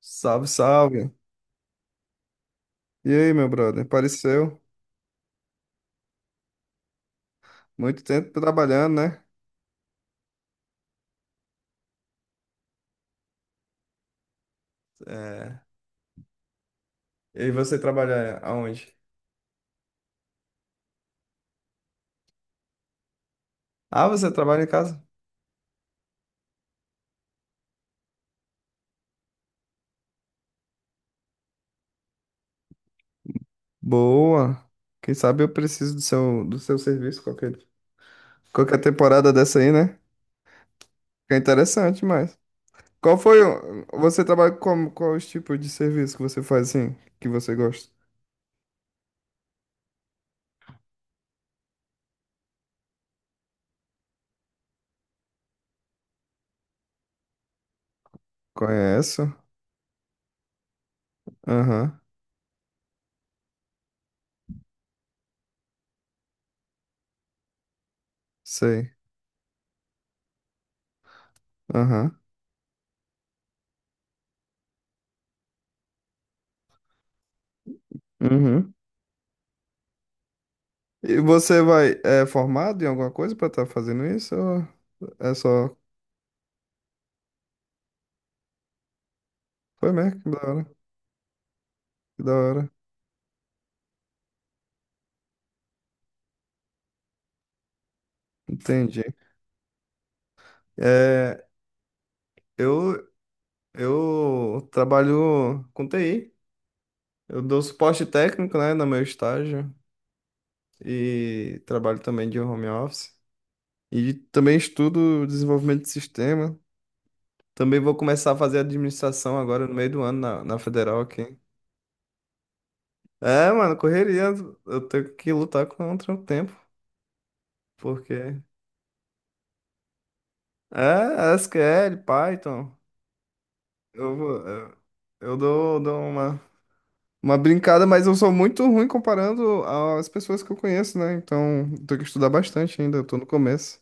Salve, salve. E aí, meu brother? Apareceu. Muito tempo trabalhando, né? É. E você trabalha aonde? Ah, você trabalha em casa? Boa. Quem sabe eu preciso do seu serviço qualquer, qualquer temporada dessa aí, né? Fica interessante, mas. Qual foi o... Você trabalha com quais tipos de serviço que você faz assim, que você gosta? Conheço. Aham. Sei. Aham. Uhum. E você vai... É formado em alguma coisa pra estar fazendo isso? Ou... É só. Foi mesmo, que da hora, que da hora. Entendi. É, eu, eu trabalho com TI. Eu dou suporte técnico, né, no meu estágio e trabalho também de home office. E também estudo desenvolvimento de sistema. Também vou começar a fazer administração agora no meio do ano na Federal aqui. É, mano, correria. Eu tenho que lutar contra o tempo, porque é SQL, Python. Eu vou, eu dou, dou uma brincada, mas eu sou muito ruim comparando às pessoas que eu conheço, né? Então, tenho que estudar bastante ainda, eu tô no começo.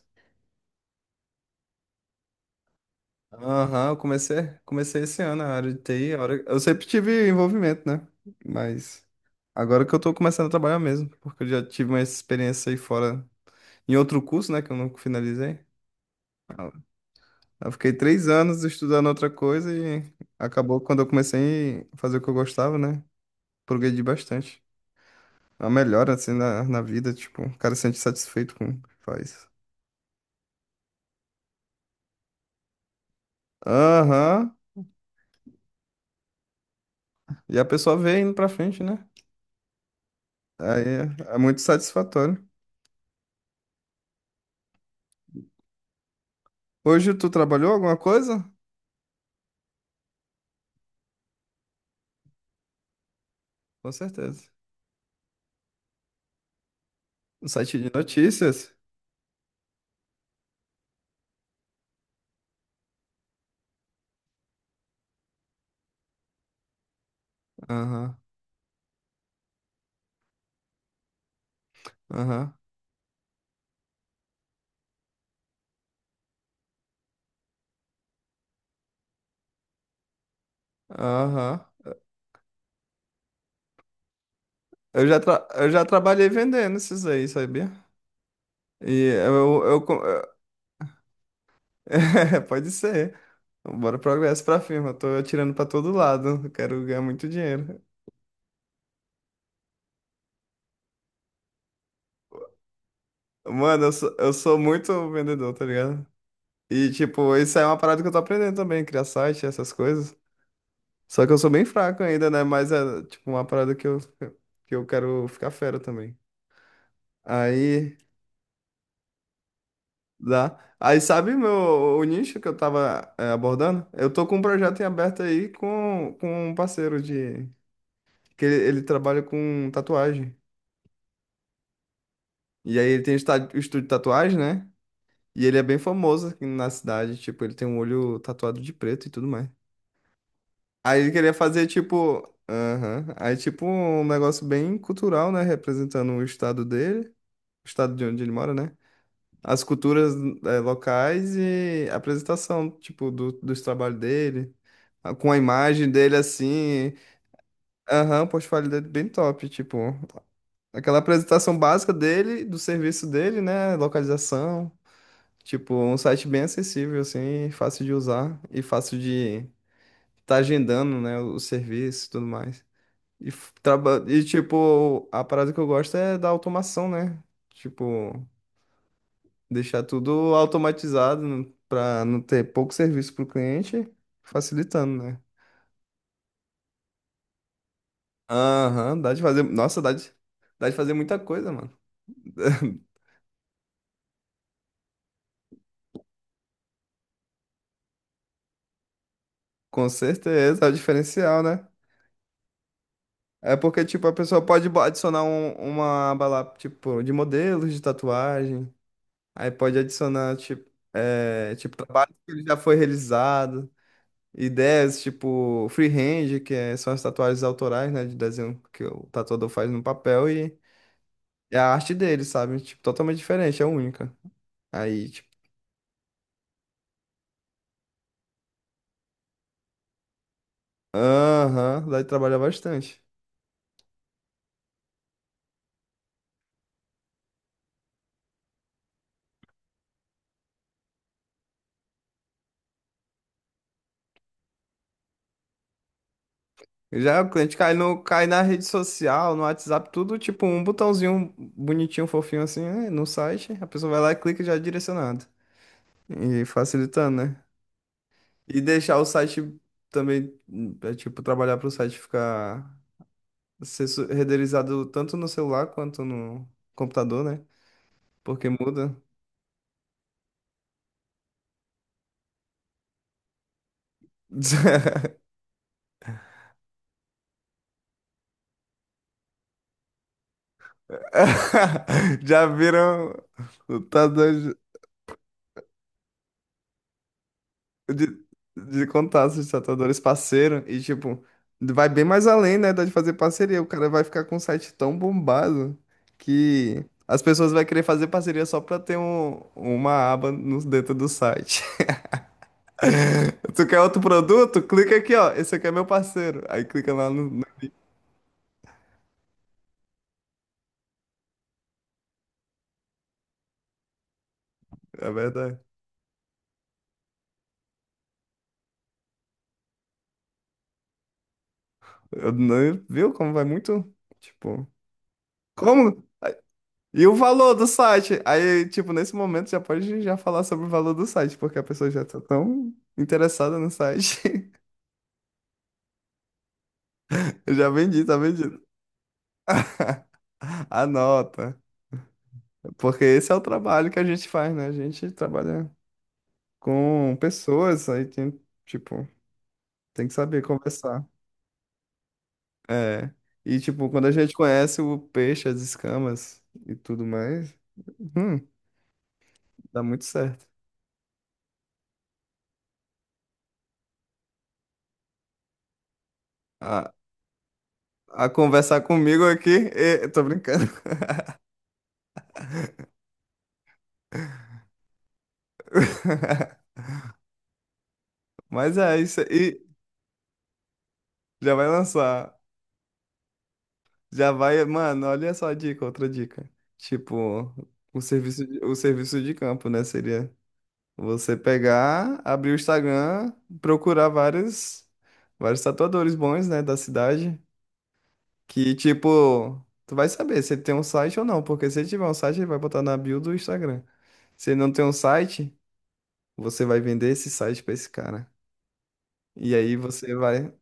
Aham, eu comecei esse ano a área de TI. Eu sempre tive envolvimento, né? Mas agora que eu tô começando a trabalhar mesmo, porque eu já tive uma experiência aí fora, em outro curso, né, que eu não finalizei. Eu fiquei três anos estudando outra coisa e acabou quando eu comecei a fazer o que eu gostava, né? Progredi bastante. É uma melhora, assim, na vida, tipo, o cara se sente satisfeito com o que faz. Aham. E a pessoa vê indo pra frente, né? Aí é, é muito satisfatório. Hoje tu trabalhou alguma coisa? Com certeza. No site de notícias? Aham, aham, aham. Eu já trabalhei vendendo esses aí, sabia? E eu, eu, co- É, pode ser. Bora progresso pra firma. Eu tô atirando pra todo lado. Eu quero ganhar muito dinheiro. Mano, eu sou muito vendedor, tá ligado? E, tipo, isso é uma parada que eu tô aprendendo também, criar site, essas coisas. Só que eu sou bem fraco ainda, né? Mas é tipo uma parada que eu quero ficar fera também. Aí dá. Aí sabe meu, o nicho que eu tava abordando? Eu tô com um projeto em aberto aí com um parceiro de. Que ele trabalha com tatuagem. E aí ele tem o estúdio de tatuagem, né? E ele é bem famoso aqui na cidade. Tipo, ele tem um olho tatuado de preto e tudo mais. Aí ele queria fazer tipo. Aham. Aí tipo um negócio bem cultural, né? Representando o estado dele. O estado de onde ele mora, né? As culturas locais e a apresentação, tipo, dos trabalhos dele, com a imagem dele assim. Aham, o portfólio dele bem top, tipo, aquela apresentação básica dele, do serviço dele, né? Localização. Tipo, um site bem acessível, assim, fácil de usar e fácil de estar agendando, né? O serviço e tudo mais. E, tipo, a parada que eu gosto é da automação, né? Tipo, deixar tudo automatizado para não ter pouco serviço para o cliente, facilitando, né? Aham, dá de fazer. Nossa, dá de fazer muita coisa, mano. Com certeza, é o diferencial, né? É porque, tipo, a pessoa pode adicionar uma aba lá, tipo, de modelos de tatuagem. Aí pode adicionar, tipo, trabalho que ele já foi realizado. Ideias, tipo, freehand, são as tatuagens autorais, né? De desenho que o tatuador faz no papel. É a arte dele, sabe? Tipo, totalmente diferente, é única. Aí, tipo, aham, lá ele trabalha bastante. Já o cliente cai na rede social, no WhatsApp, tudo tipo um botãozinho bonitinho, fofinho assim, né, no site. A pessoa vai lá e clica e já é direcionado. E facilitando, né? E deixar o site também, tipo, trabalhar para o site ficar renderizado tanto no celular quanto no computador, né? Porque muda. Já viram lutadores de, de contato, os tatuadores parceiro, e tipo, vai bem mais além, né, da de fazer parceria. O cara vai ficar com um site tão bombado que as pessoas vão querer fazer parceria só pra ter uma aba no, dentro do site. Tu quer outro produto? Clica aqui, ó. Esse aqui é meu parceiro. Aí clica lá no. É verdade. Eu não- viu como vai muito? Tipo, como? E o valor do site? Aí, tipo, nesse momento já pode já falar sobre o valor do site, porque a pessoa já tá tão interessada no site. Eu já vendi, tá vendido. Anota, porque esse é o trabalho que a gente faz, né? A gente trabalha com pessoas, aí tem, tipo, tem que saber conversar. É. E, tipo, quando a gente conhece o peixe, as escamas e tudo mais, hum, dá muito certo. A, a conversar comigo aqui, e, tô brincando. Mas é isso aí. Já vai lançar. Já vai, mano, olha só a dica, outra dica. Tipo, o serviço de campo, né? Seria você pegar, abrir o Instagram, procurar vários, vários tatuadores bons, né, da cidade. Que, tipo, tu vai saber se ele tem um site ou não, porque se ele tiver um site, ele vai botar na bio do Instagram. Se ele não tem um site, você vai vender esse site pra esse cara. E aí você vai.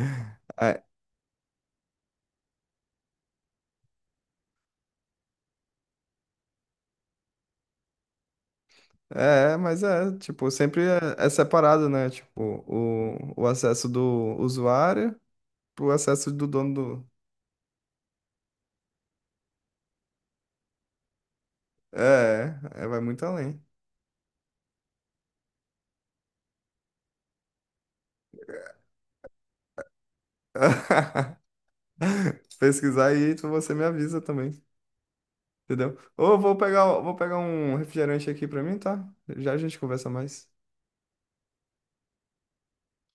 Aí É, mas é, tipo, é separado, né? Tipo, o acesso do usuário pro acesso do dono do. É, é, vai muito além. Se pesquisar aí, você me avisa também, entendeu? Ou vou pegar um refrigerante aqui pra mim, tá? Já a gente conversa mais.